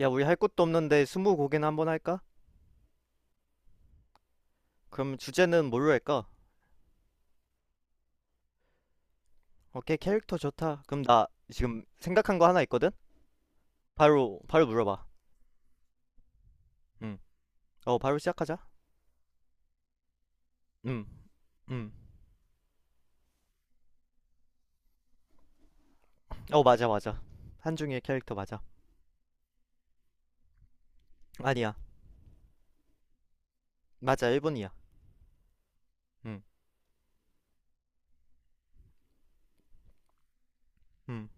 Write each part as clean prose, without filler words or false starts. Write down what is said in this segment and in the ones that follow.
야, 우리 할 것도 없는데 스무고개나 한번 할까? 그럼 주제는 뭘로 할까? 오케이, 캐릭터 좋다. 그럼 나 지금 생각한 거 하나 있거든? 바로 물어봐. 응. 어, 바로 시작하자. 응, 응. 어, 맞아, 맞아. 한중의 캐릭터 맞아. 아니야. 맞아, 일본이야. 응, 응.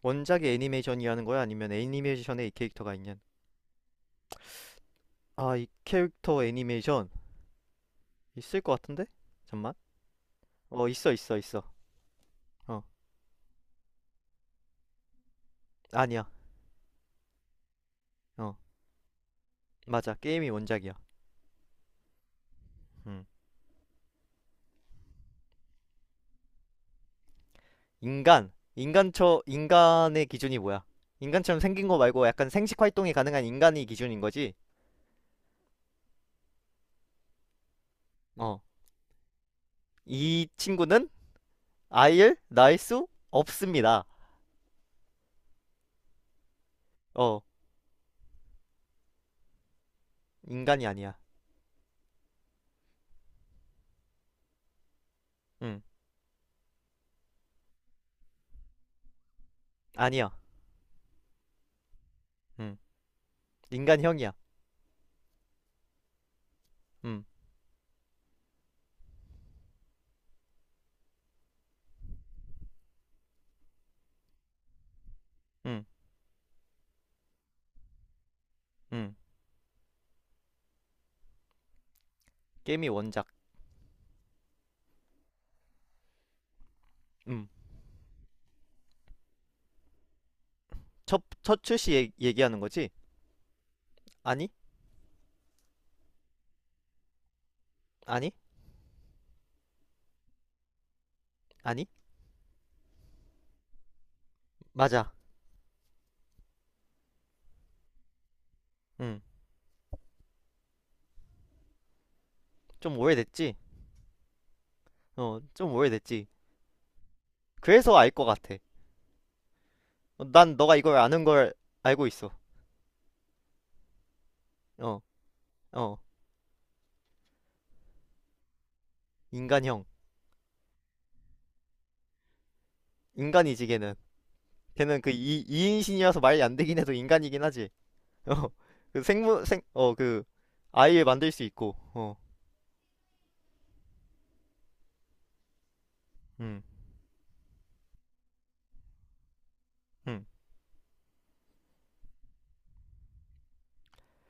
원작이 애니메이션이라는 거야? 아니면 애니메이션에 이 캐릭터가 있냐? 아, 이 캐릭터 애니메이션 있을 것 같은데? 잠만. 어, 있어, 있어, 있어. 어, 아니야. 어, 맞아. 게임이 원작이야. 응. 인간의 기준이 뭐야? 인간처럼 생긴 거 말고 약간 생식 활동이 가능한 인간이 기준인 거지. 어, 이 친구는 아이를 낳을 수 없습니다. 어, 인간이 아니야. 음, 아니야. 음, 인간형이야. 음, 음, 음. 게임이 원작. 음, 첫 출시 얘기하는 거지? 아니, 아니, 아니, 맞아. 음, 좀 오래됐지? 어, 좀 오래됐지. 그래서 알 것 같아. 어, 난 너가 이걸 아는 걸 알고 있어. 어, 어. 인간형. 인간이지, 걔는. 걔는 그 이인신이라서 말이 안 되긴 해도 인간이긴 하지. 어, 그 생물, 생, 어, 그, 아이를 만들 수 있고, 어, 음, 음.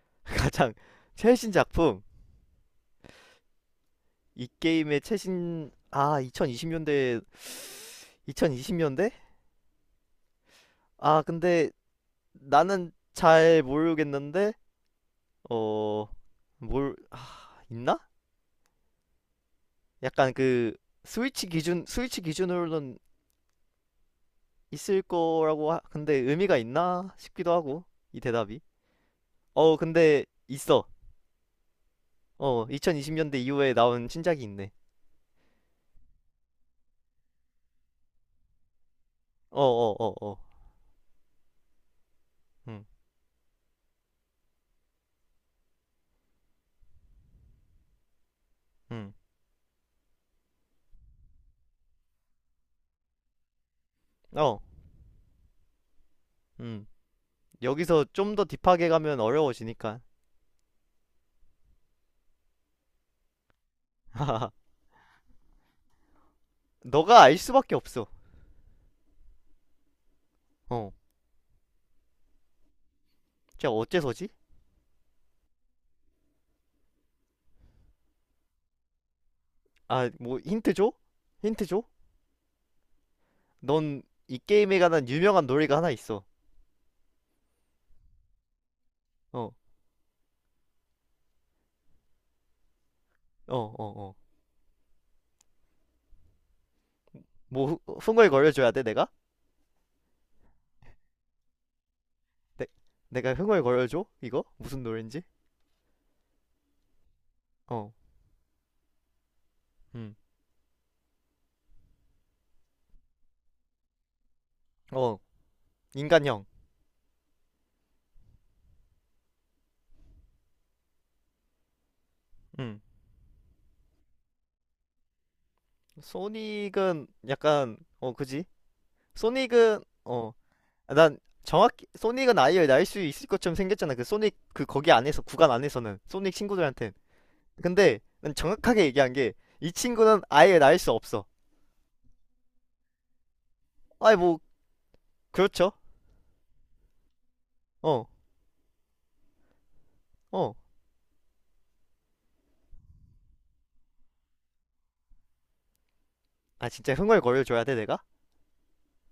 가장 최신 작품. 이 게임의 최신, 2020년대, 2020년대? 아, 근데 나는 잘 모르겠는데, 어, 아, 있나? 약간 스위치 기준으로는 있을 거라고 근데 의미가 있나 싶기도 하고 이 대답이. 근데 있어. 어, 2020년대 이후에 나온 신작이 있네. 어, 어. 어어음음어음 여기서 좀 더 딥하게 가면 어려워지니까. 너가 알 수밖에 없어. 어, 진짜 어째서지. 아, 뭐 힌트 줘, 힌트 줘. 넌, 이 게임에 관한 유명한 놀이가 하나 있어. 어 어 뭐 흥얼거려 줘야 돼 내가. 내, 내가 흥얼거려 줘 이거 무슨 노래인지. 어. 음, 어, 인간형. 음, 소닉은 약간 어, 그지? 소닉은 어, 난 정확히 소닉은 아이를 날 수 있을 것처럼 생겼잖아. 그 소닉 그 거기 안에서 구간 안에서는 소닉 친구들한테. 근데 난 정확하게 얘기한 게 이 친구는 아예 날 수 없어. 아이 뭐 그렇죠. 어, 어. 아 진짜 흥얼거려 줘야 돼 내가?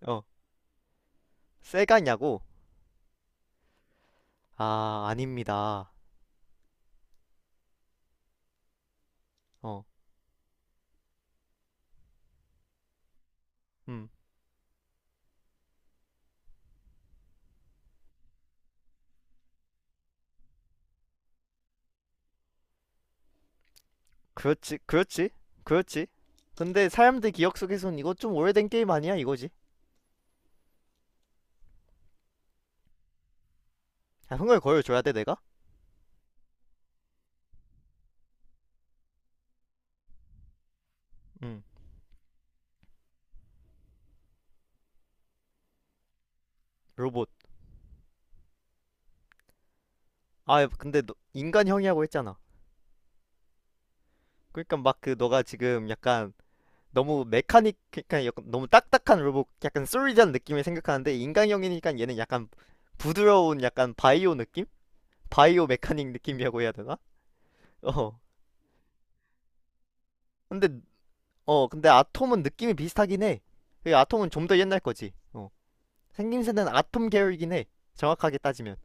어, 세가냐고? 아 아닙니다. 어, 음. 그렇지, 그렇지, 그렇지. 근데 사람들 기억 속에선 이거 좀 오래된 게임 아니야 이거지? 아, 흥을 거어줘야 돼 내가? 응. 로봇. 아 근데 너, 인간형이라고 했잖아. 그러니까 막 그 너가 지금 약간 너무 메카닉, 그러니까 약간 너무 딱딱한 로봇, 약간 솔리드한 느낌을 생각하는데 인간형이니까 얘는 약간 부드러운 약간 바이오 느낌? 바이오 메카닉 느낌이라고 해야 되나? 어. 근데 근데 아톰은 느낌이 비슷하긴 해. 그 아톰은 좀 더 옛날 거지. 어. 생김새는 아톰 계열이긴 해. 정확하게 따지면.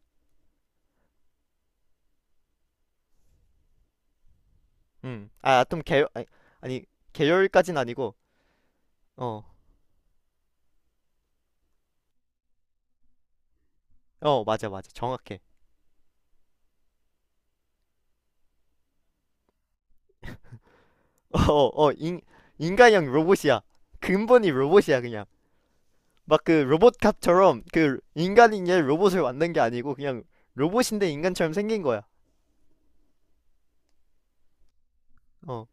음. 아, 아톰 계열 아니, 아니 계열까진 아니고. 어. 어, 맞아 맞아. 정확해. 어, 어, 인 인간형 로봇이야. 근본이 로봇이야, 그냥. 막 그 로봇캅처럼 그 인간인 얘 로봇을 만든 게 아니고 그냥 로봇인데 인간처럼 생긴 거야. 어.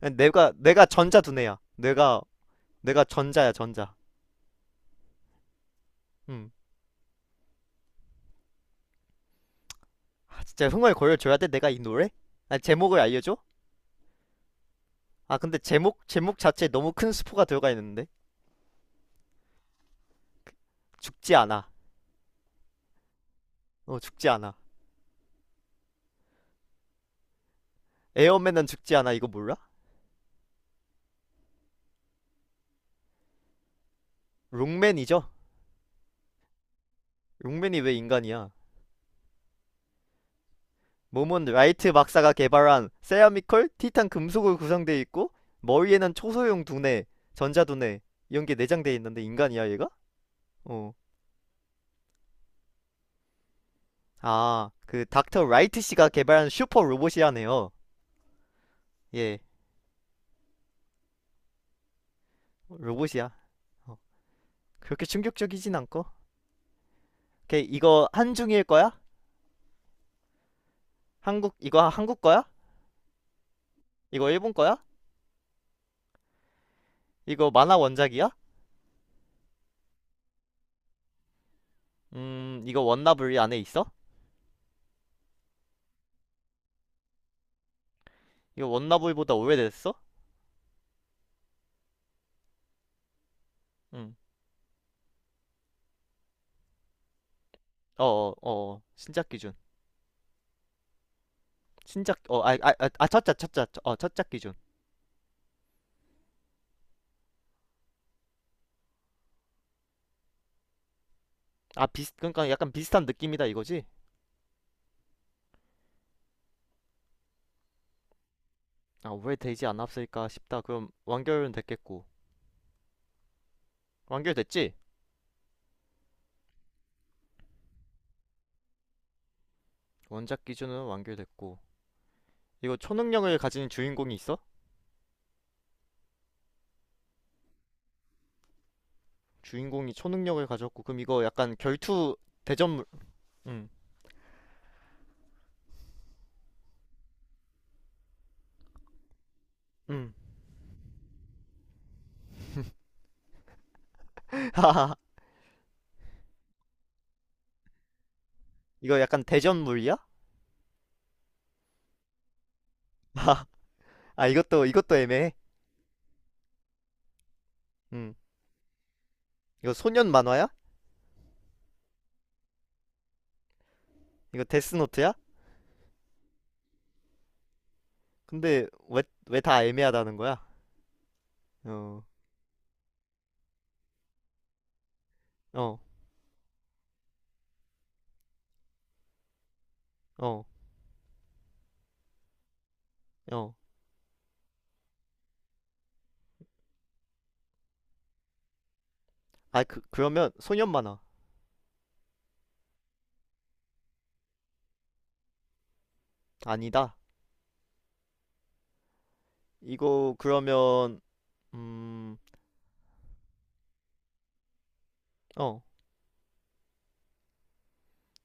그냥 내가 전자 두뇌야. 내가 전자야, 전자. 음. 진짜 흥얼 거려줘야 돼, 내가 이 노래? 아, 제목을 알려줘? 아, 근데 제목 자체에 너무 큰 스포가 들어가 있는데. 죽지 않아. 어, 죽지 않아. 에어맨은 죽지 않아. 이거 몰라? 롱맨이죠? 롱맨이 왜 인간이야? 몸은 라이트 박사가 개발한 세라미컬 티탄 금속으로 구성되어 있고 머리에는 초소형 두뇌, 전자 두뇌 이런 게 내장되어 있는데 인간이야 얘가? 어. 아, 그 닥터 라이트 씨가 개발한 슈퍼 로봇이라네요. 예. 로봇이야. 어. 그렇게 충격적이진 않고. 오케이, 이거 한중일 거야? 한국, 이거 한국 거야? 이거 일본 거야? 이거 만화 원작이야? 이거 원나블 안에 있어? 이거 원나블보다 오래됐어? 응. 신작 기준. 신작, 어, 아, 아, 아, 아, 첫작, 첫작, 어, 첫작 기준. 그러니까 약간 비슷한 느낌이다 이거지? 아, 오래되지 않았을까 싶다. 그럼 완결은 됐겠고. 완결됐지? 원작 기준은 완결됐고. 이거 초능력을 가진 주인공이 있어? 주인공이 초능력을 가졌고. 그럼 이거 약간 결투 대전물, 응, 응. 이거 약간 대전물이야? 아, 이것도 애매해. 응. 이거 소년 만화야? 이거 데스노트야? 근데 왜 다 애매하다는 거야? 어, 어, 어, 어. 아, 그러면 소년 만화 아니다. 이거 그러면, 음, 어,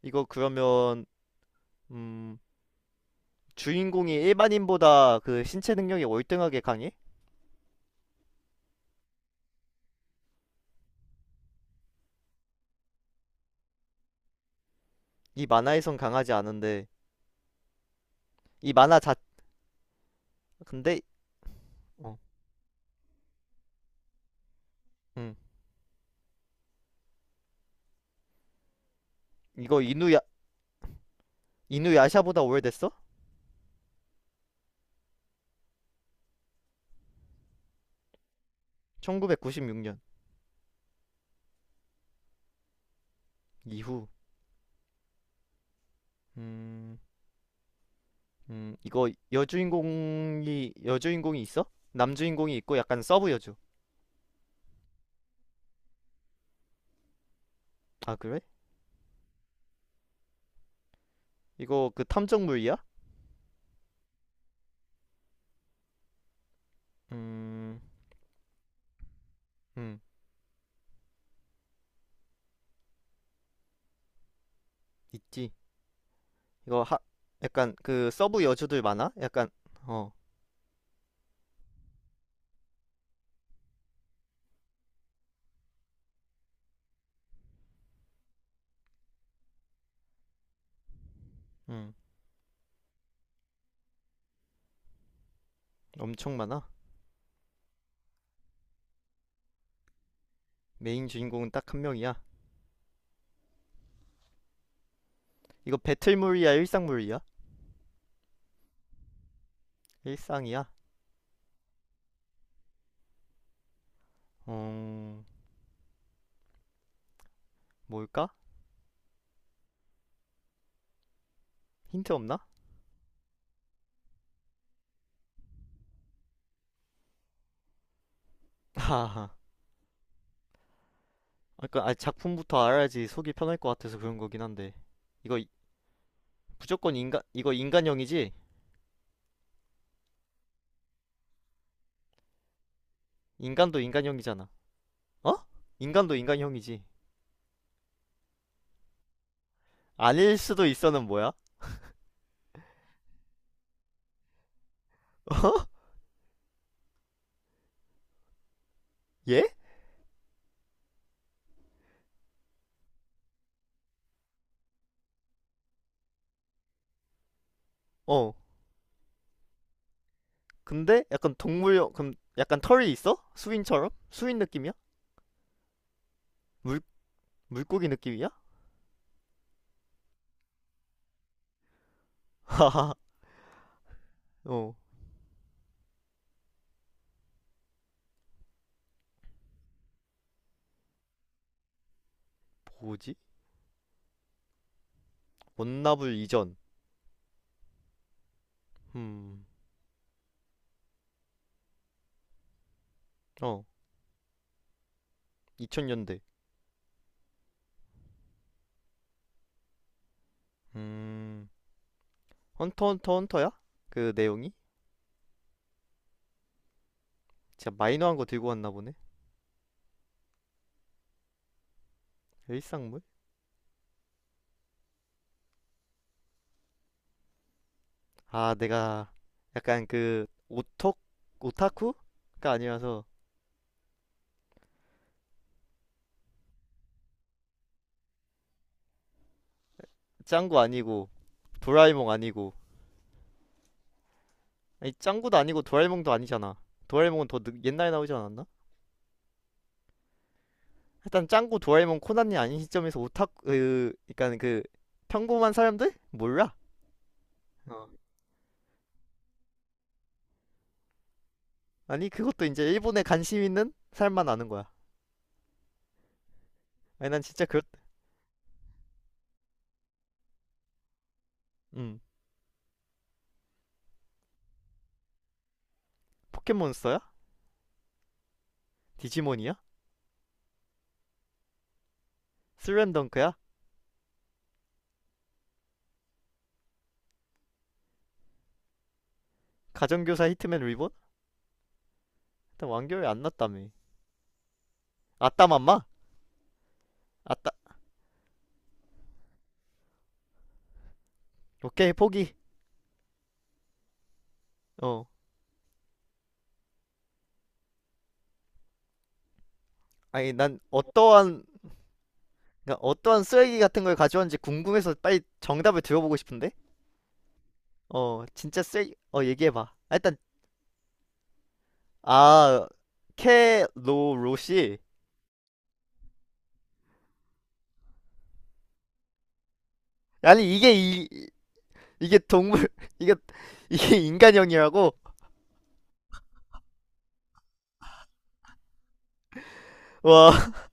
이거 그러면, 음, 주인공이 일반인보다 그 신체 능력이 월등하게 강해? 이 만화에선 강하지 않은데. 이 만화 자 근데 어, 음, 이거 이누야샤보다 오래됐어? 1996년 이후. 음. 이거 여주인공이 있어? 남주인공이 있고 약간 서브 여주. 아, 그래? 이거 그 탐정물이야? 음, 음, 있지. 이거 하, 약간 그 서브 여주들 많아? 약간 어, 음, 엄청 많아. 메인 주인공은 딱 한 명이야. 이거 배틀물이야, 일상물이야? 일상이야. 음, 뭘까? 힌트 없나? 하하. 니까 아, 작품부터 알아야지 속이 편할 것 같아서 그런 거긴 한데. 이거 무조건 인간, 이거 인간형이지? 인간도 인간형이잖아. 어? 인간도 인간형이지. 아닐 수도 있어는 뭐야? 어? 얘? 어. 근데 약간 동물형, 그럼 약간 털이 있어? 수인처럼? 수인 느낌이야? 물, 물고기 느낌이야? 하하. 어. 뭐지? 원나블 이전. 음. 어. 2000년대. 음. 헌터 헌터 헌터야? 그 내용이? 진짜 마이너한 거 들고 왔나 보네. 일상물? 아, 내가 약간 그 오톡 오타쿠가 아니라서. 짱구 아니고, 도라에몽 아니고. 아니, 짱구도 아니고 도라에몽도 아니잖아. 도라에몽은 더 옛날에 나오지 않았나? 일단 짱구, 도라에몽, 코난이 아닌 시점에서 오타쿠, 그러니까 평범한 사람들 몰라. 어. 아니 그것도 이제 일본에 관심 있는 사람만 아는 거야. 아니 난 진짜 그렇 음. 포켓몬스터야? 디지몬이야? 슬램덩크야? 가정교사 히트맨 리본? 일단 완결이 안 났다며. 아따맘마? 아따 오케이 포기. 어. 아니 난 어떠한, 그러니까 어떠한 쓰레기 같은 걸 가져왔는지 궁금해서 빨리 정답을 들어보고 싶은데? 어, 진짜 쓰레기, 어, 얘기해봐. 아, 일단, 아, 캐로로시. 아니, 이게, 이, 이게 동물, 이게, 이게 인간형이라고? 와,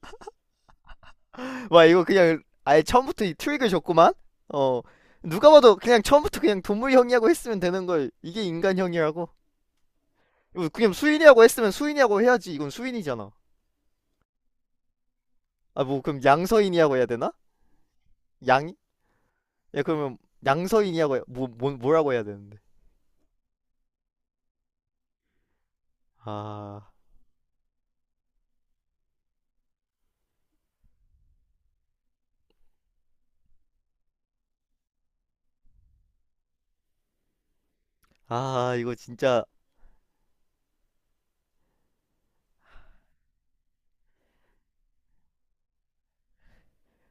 와, 이거 그냥, 아예 처음부터 이 트릭을 줬구만? 어, 누가 봐도 그냥 처음부터 그냥 동물형이라고 했으면 되는 걸, 이게 인간형이라고? 이거 그냥 수인이라고 했으면 수인이라고 해야지. 이건 수인이잖아. 아, 뭐, 그럼 양서인이라고 해야 되나? 양, 예, 그러면 양서인이라고 뭐, 뭐라고 해야 되는데. 아, 아 이거 진짜,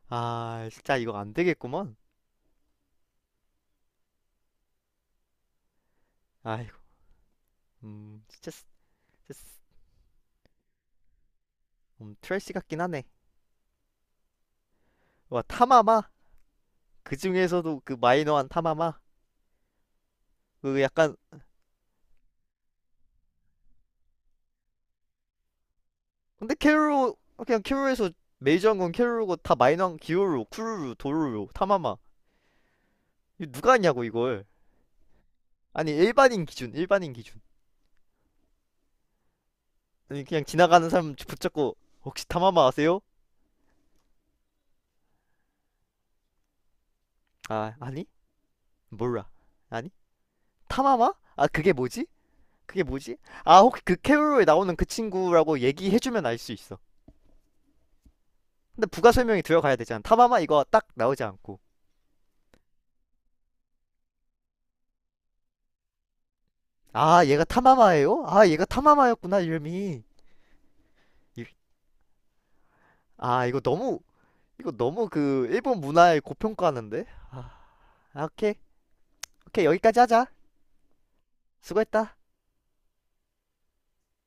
아 진짜 이거 안 되겠구먼. 아이고, 음 진짜 쓰- 진짜 쓰- 음, 트래시 같긴 하네. 와 타마마. 그 중에서도 그 마이너한 타마마. 그 약간, 근데 캐롤 그냥 캐롤에서 메이저한 건 캐롤이고 다 마이너한 기요루, 쿠루루, 도루루, 타마마. 이거 누가 하냐고 이걸. 아니 일반인 기준, 일반인 기준. 아니 그냥 지나가는 사람 붙잡고 혹시 타마마 아세요? 아, 아니, 몰라. 아니, 타마마? 아 그게 뭐지? 그게 뭐지? 아 혹시 그 캐롤에 나오는 그 친구라고 얘기해주면 알 수 있어. 근데 부가 설명이 들어가야 되잖아. 타마마 이거 딱 나오지 않고. 아 얘가 타마마예요? 아 얘가 타마마였구나 이름이. 아 이거 너무, 그 일본 문화에 고평가하는데. 아 아, 오케이, 여기까지 하자. 수고했다.